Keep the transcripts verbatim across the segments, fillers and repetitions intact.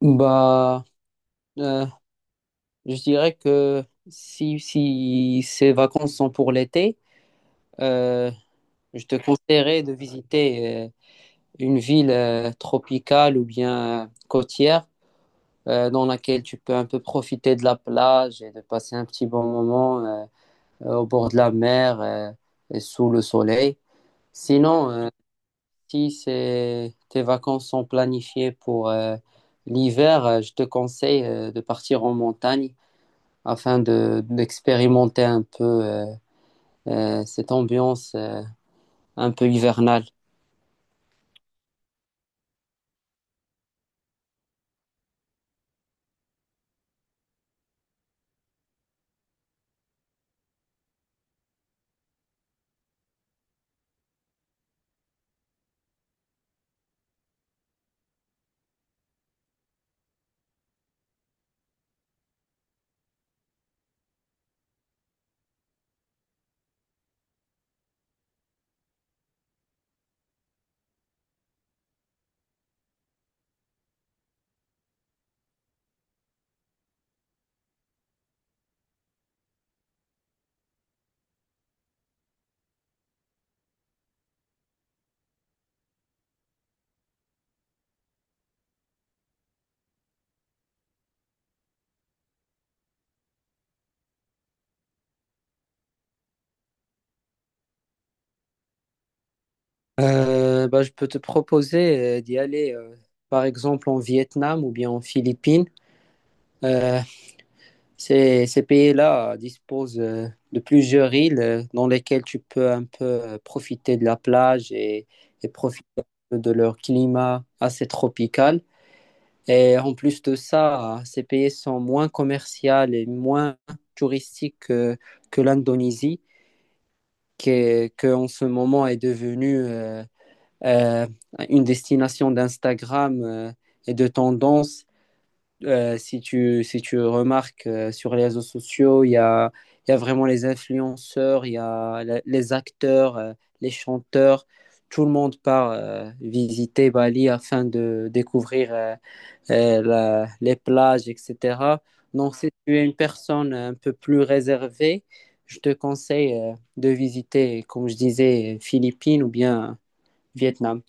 Bah, euh, je dirais que si, si ces vacances sont pour l'été, euh, je te conseillerais de visiter euh, une ville euh, tropicale ou bien euh, côtière euh, dans laquelle tu peux un peu profiter de la plage et de passer un petit bon moment euh, euh, au bord de la mer euh, et sous le soleil. Sinon, euh, si c'est- tes vacances sont planifiées pour euh, l'hiver, euh, je te conseille euh, de partir en montagne, afin de d'expérimenter un peu euh, euh, cette ambiance euh, un peu hivernale. Euh, bah, je peux te proposer euh, d'y aller, euh, par exemple en Vietnam ou bien en Philippines. Euh, ces, ces pays-là disposent euh, de plusieurs îles euh, dans lesquelles tu peux un peu euh, profiter de la plage et, et profiter un peu de leur climat assez tropical. Et en plus de ça, ces pays sont moins commerciaux et moins touristiques que, que l'Indonésie, qui, qui en ce moment est devenue euh, euh, une destination d'Instagram euh, et de tendance. Euh, si tu, si tu remarques euh, sur les réseaux sociaux, il y a, il y a vraiment les influenceurs, il y a la- les acteurs, euh, les chanteurs. Tout le monde part euh, visiter Bali afin de découvrir euh, euh, la- les plages, et cetera. Donc, si tu es une personne un peu plus réservée, je te conseille euh, de visiter, comme je disais, Philippines ou bien Vietnam.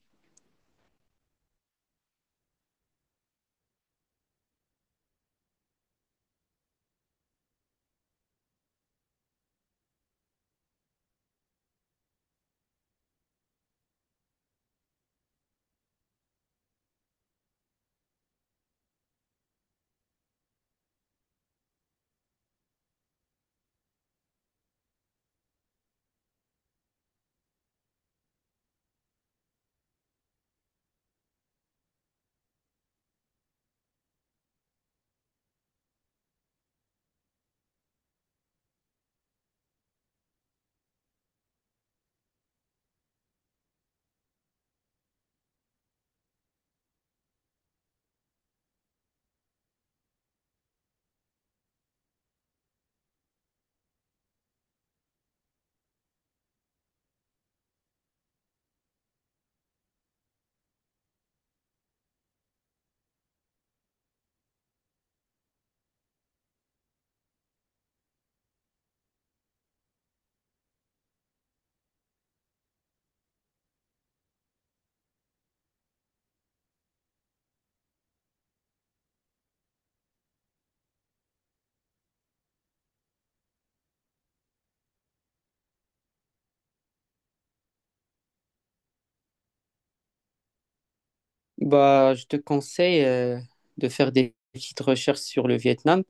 Bah, je te conseille euh, de faire des petites recherches sur le Vietnam.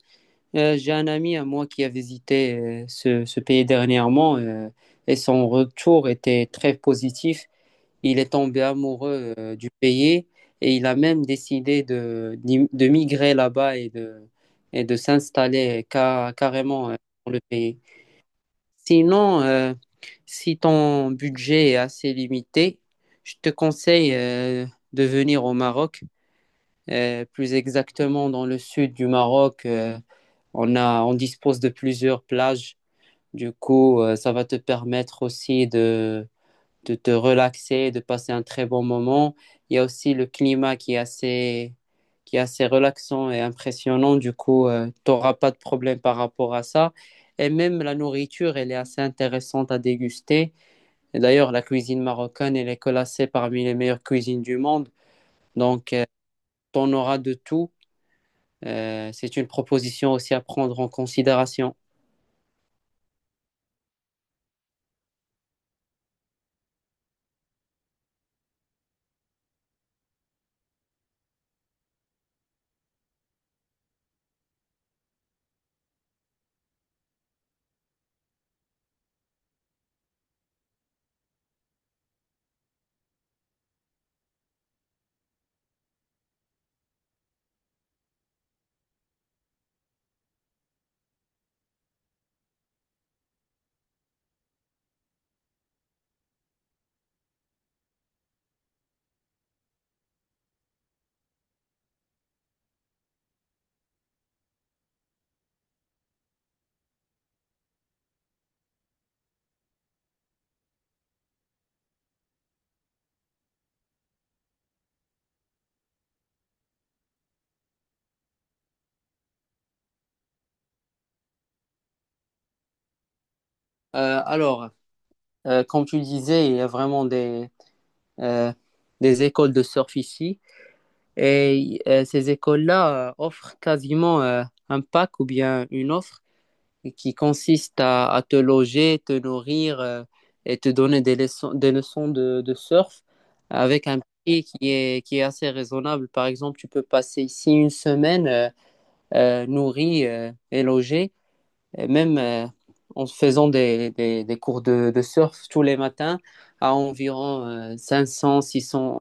Euh, j'ai un ami à moi qui a visité euh, ce, ce pays dernièrement euh, et son retour était très positif. Il est tombé amoureux euh, du pays et il a même décidé de, d'im- de migrer là-bas et de, et de s'installer ca- carrément euh, dans le pays. Sinon, euh, si ton budget est assez limité, je te conseille euh, de venir au Maroc, Euh, plus exactement dans le sud du Maroc. Euh, on a, on dispose de plusieurs plages. Du coup, euh, ça va te permettre aussi de de te relaxer, de passer un très bon moment. Il y a aussi le climat qui est assez, qui est assez relaxant et impressionnant. Du coup, euh, tu n'auras pas de problème par rapport à ça. Et même la nourriture, elle est assez intéressante à déguster. Et d'ailleurs, la cuisine marocaine, elle est classée parmi les meilleures cuisines du monde. Donc, euh, tu en auras de tout. Euh, c'est une proposition aussi à prendre en considération. Euh, alors, euh, comme tu disais, il y a vraiment des, euh, des écoles de surf ici. Et euh, ces écoles-là euh, offrent quasiment euh, un pack ou bien une offre qui consiste à, à te loger, te nourrir euh, et te donner des leçons, des leçons de, de surf avec un prix qui est, qui est assez raisonnable. Par exemple, tu peux passer ici une semaine euh, euh, nourri euh, et logé, et même euh, en faisant des, des, des cours de, de surf tous les matins à environ euh, cinq cents, six cents.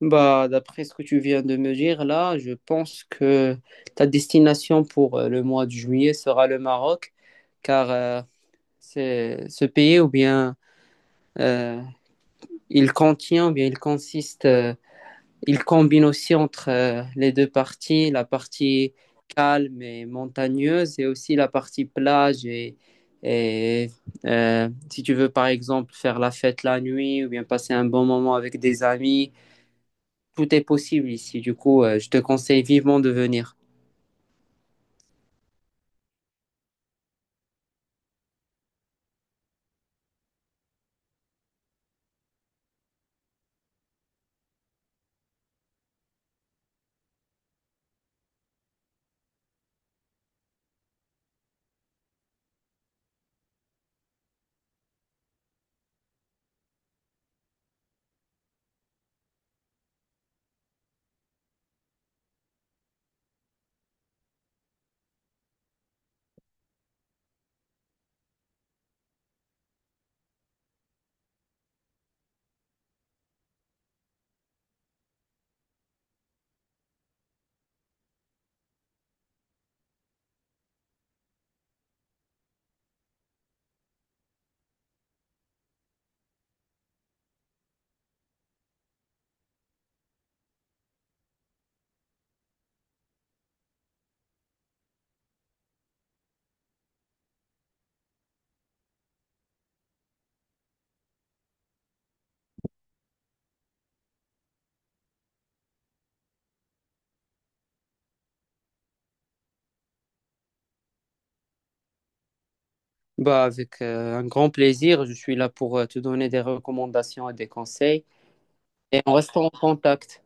Bah, d'après ce que tu viens de me dire, là, je pense que ta destination pour euh, le mois de juillet sera le Maroc, car euh, c'est ce pays ou bien euh, il contient, ou bien il consiste, euh, il combine aussi entre euh, les deux parties, la partie calme et montagneuse, et aussi la partie plage et, et, euh, si tu veux par exemple faire la fête la nuit ou bien passer un bon moment avec des amis, tout est possible ici. Du coup, euh, je te conseille vivement de venir. Bah, avec euh, un grand plaisir, je suis là pour euh, te donner des recommandations et des conseils. Et on reste en contact.